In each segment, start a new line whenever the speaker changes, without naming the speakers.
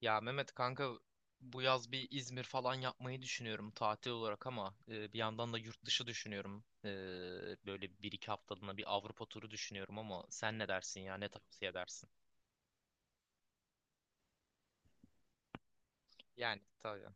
Ya Mehmet kanka, bu yaz bir İzmir falan yapmayı düşünüyorum tatil olarak ama bir yandan da yurt dışı düşünüyorum. Böyle bir iki haftalığına bir Avrupa turu düşünüyorum ama sen ne dersin ya, ne tavsiye edersin? Yani tabii.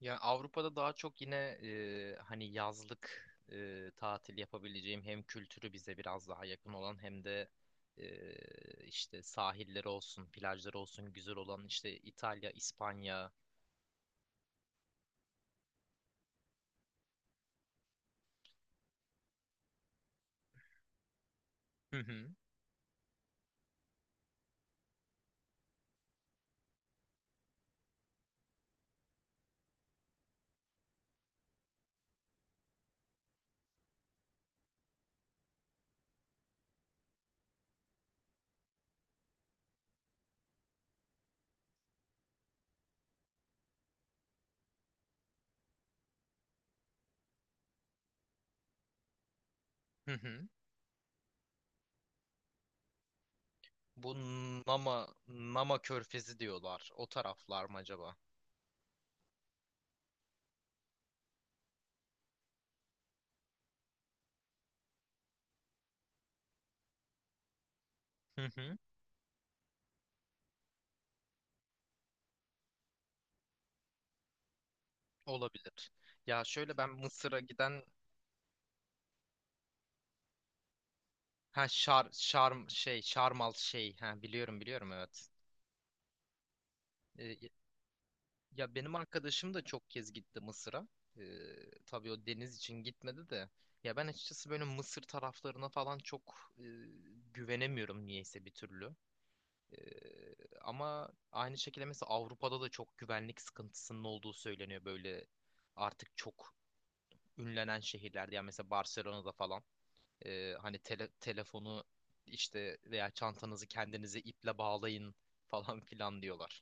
Ya Avrupa'da daha çok yine hani yazlık tatil yapabileceğim, hem kültürü bize biraz daha yakın olan hem de e, işte sahilleri olsun, plajları olsun güzel olan, işte İtalya, İspanya. Hı hı. Hı hı. Bu Nama Körfezi diyorlar. O taraflar mı acaba? Hı hı. Olabilir. Ya şöyle, ben Mısır'a giden... Ha, Şar Şarm şey Şarmal şey ha, biliyorum, biliyorum, evet. Ee, ya benim arkadaşım da çok kez gitti Mısır'a. Tabii o deniz için gitmedi de. Ya ben açıkçası böyle Mısır taraflarına falan çok güvenemiyorum niyeyse bir türlü. Eee, ama aynı şekilde mesela Avrupa'da da çok güvenlik sıkıntısının olduğu söyleniyor, böyle artık çok ünlenen şehirlerde, yani mesela Barcelona'da falan hani telefonu işte veya çantanızı kendinize iple bağlayın falan filan diyorlar.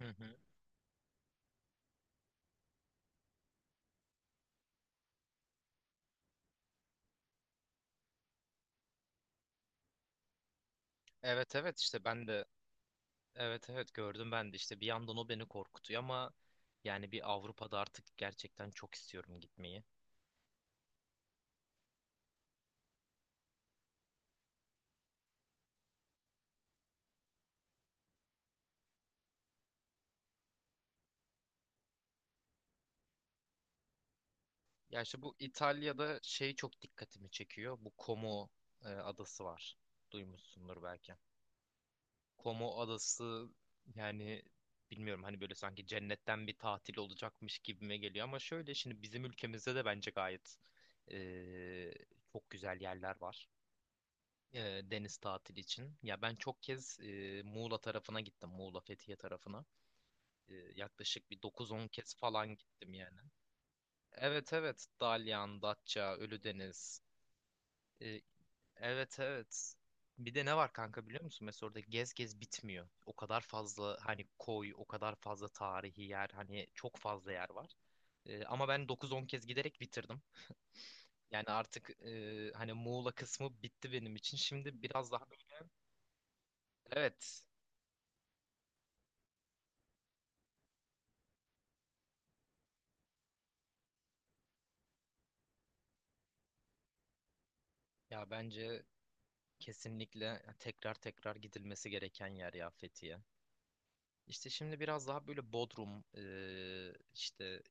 Hı hı. Evet, evet, işte ben de, evet evet gördüm ben de işte. Bir yandan o beni korkutuyor ama yani bir Avrupa'da artık gerçekten çok istiyorum gitmeyi. Ya işte bu İtalya'da şey çok dikkatimi çekiyor. Bu Como adası var. Duymuşsundur belki. Como adası yani, bilmiyorum, hani böyle sanki cennetten bir tatil olacakmış gibime geliyor. Ama şöyle, şimdi bizim ülkemizde de bence gayet e, çok güzel yerler var e, deniz tatili için. Ya ben çok kez Muğla tarafına gittim, Muğla Fethiye tarafına. Yaklaşık bir 9-10 kez falan gittim yani. Evet evet. Dalyan, Datça, Ölüdeniz. E, Evet evet. Bir de ne var kanka, biliyor musun? Mesela orada gez gez bitmiyor. O kadar fazla hani koy, o kadar fazla tarihi yer, hani çok fazla yer var. Ama ben 9-10 kez giderek bitirdim. Yani artık hani Muğla kısmı bitti benim için. Şimdi biraz daha, evet. Ya bence kesinlikle tekrar tekrar gidilmesi gereken yer ya Fethiye. İşte şimdi biraz daha böyle Bodrum, işte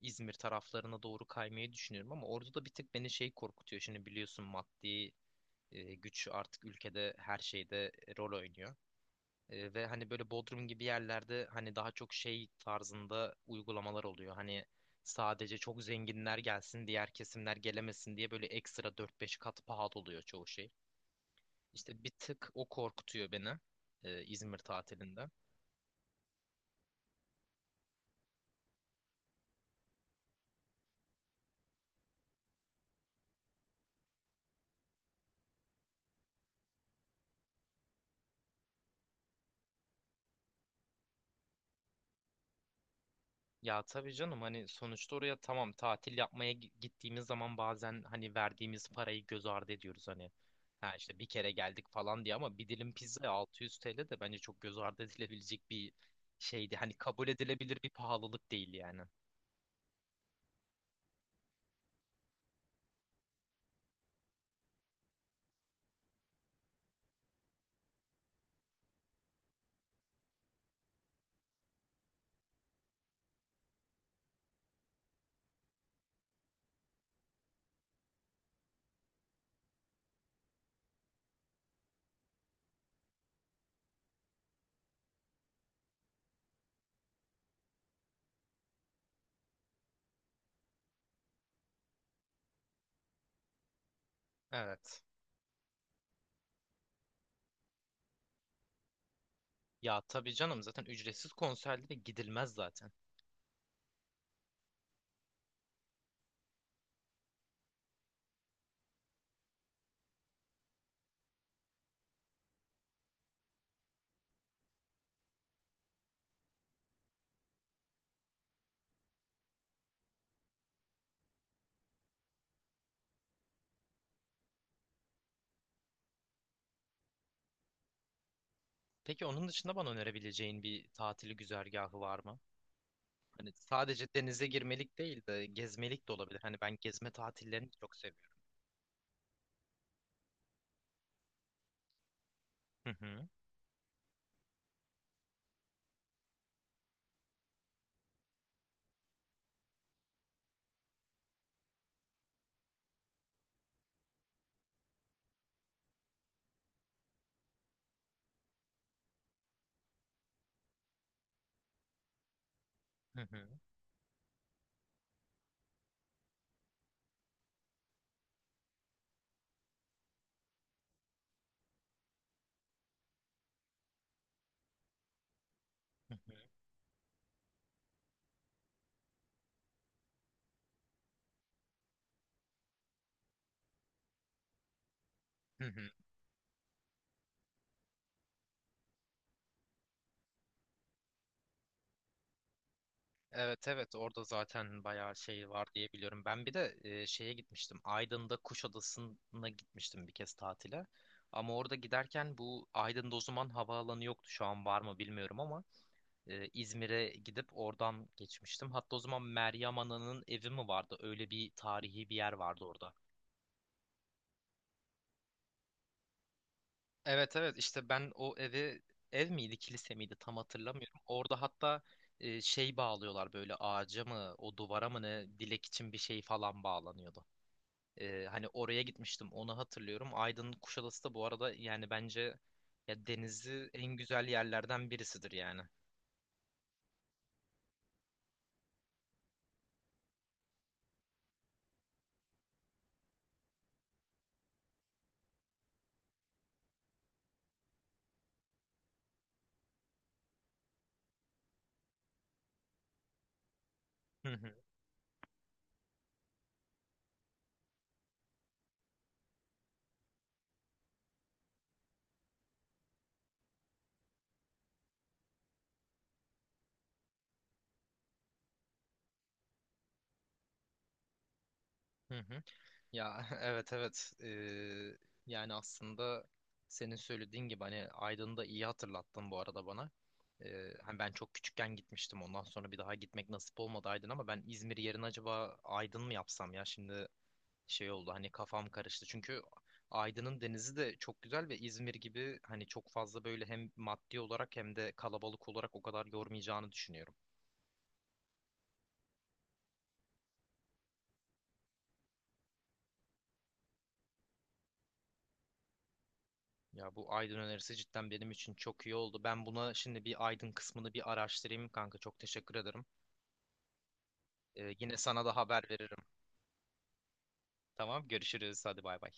İzmir taraflarına doğru kaymayı düşünüyorum ama orada da bir tık beni şey korkutuyor. Şimdi biliyorsun, maddi güç artık ülkede her şeyde rol oynuyor. Ve hani böyle Bodrum gibi yerlerde hani daha çok şey tarzında uygulamalar oluyor. Hani sadece çok zenginler gelsin, diğer kesimler gelemesin diye böyle ekstra 4-5 kat pahalı oluyor çoğu şey. İşte bir tık o korkutuyor beni İzmir tatilinde. Ya tabii canım, hani sonuçta oraya, tamam, tatil yapmaya gittiğimiz zaman bazen hani verdiğimiz parayı göz ardı ediyoruz hani. Ha, işte bir kere geldik falan diye, ama bir dilim pizza 600 TL de bence çok göz ardı edilebilecek bir şeydi. Hani kabul edilebilir bir pahalılık değil yani. Evet. Ya tabii canım, zaten ücretsiz konserlere gidilmez zaten. Peki onun dışında bana önerebileceğin bir tatili güzergahı var mı? Hani sadece denize girmelik değil de gezmelik de olabilir. Hani ben gezme tatillerini çok seviyorum. Hı hı. Hı hı. Hı hı. Evet evet, orada zaten bayağı şey var diye biliyorum. Ben bir de şeye gitmiştim, Aydın'da Kuşadası'na gitmiştim bir kez tatile. Ama orada giderken, bu Aydın'da o zaman havaalanı yoktu, şu an var mı bilmiyorum ama İzmir'e gidip oradan geçmiştim. Hatta o zaman Meryem Ana'nın evi mi vardı? Öyle bir tarihi bir yer vardı orada. Evet evet, işte ben o eve, ev miydi kilise miydi tam hatırlamıyorum, orada hatta şey bağlıyorlar böyle, ağaca mı o duvara mı ne, dilek için bir şey falan bağlanıyordu. Hani oraya gitmiştim, onu hatırlıyorum. Aydın Kuşadası da bu arada yani bence ya denizi en güzel yerlerden birisidir yani. Hı hı, hı hı. Ya evet evet. Yani aslında senin söylediğin gibi, hani Aydın'ı da iyi hatırlattın bu arada bana. Hani ben çok küçükken gitmiştim, ondan sonra bir daha gitmek nasip olmadı Aydın, ama ben İzmir yerine acaba Aydın mı yapsam ya şimdi, şey oldu hani, kafam karıştı. Çünkü Aydın'ın denizi de çok güzel ve İzmir gibi hani çok fazla böyle hem maddi olarak hem de kalabalık olarak o kadar yormayacağını düşünüyorum. Ya bu Aydın önerisi cidden benim için çok iyi oldu. Ben buna şimdi, bir Aydın kısmını bir araştırayım kanka. Çok teşekkür ederim. Yine sana da haber veririm. Tamam, görüşürüz. Hadi bay bay.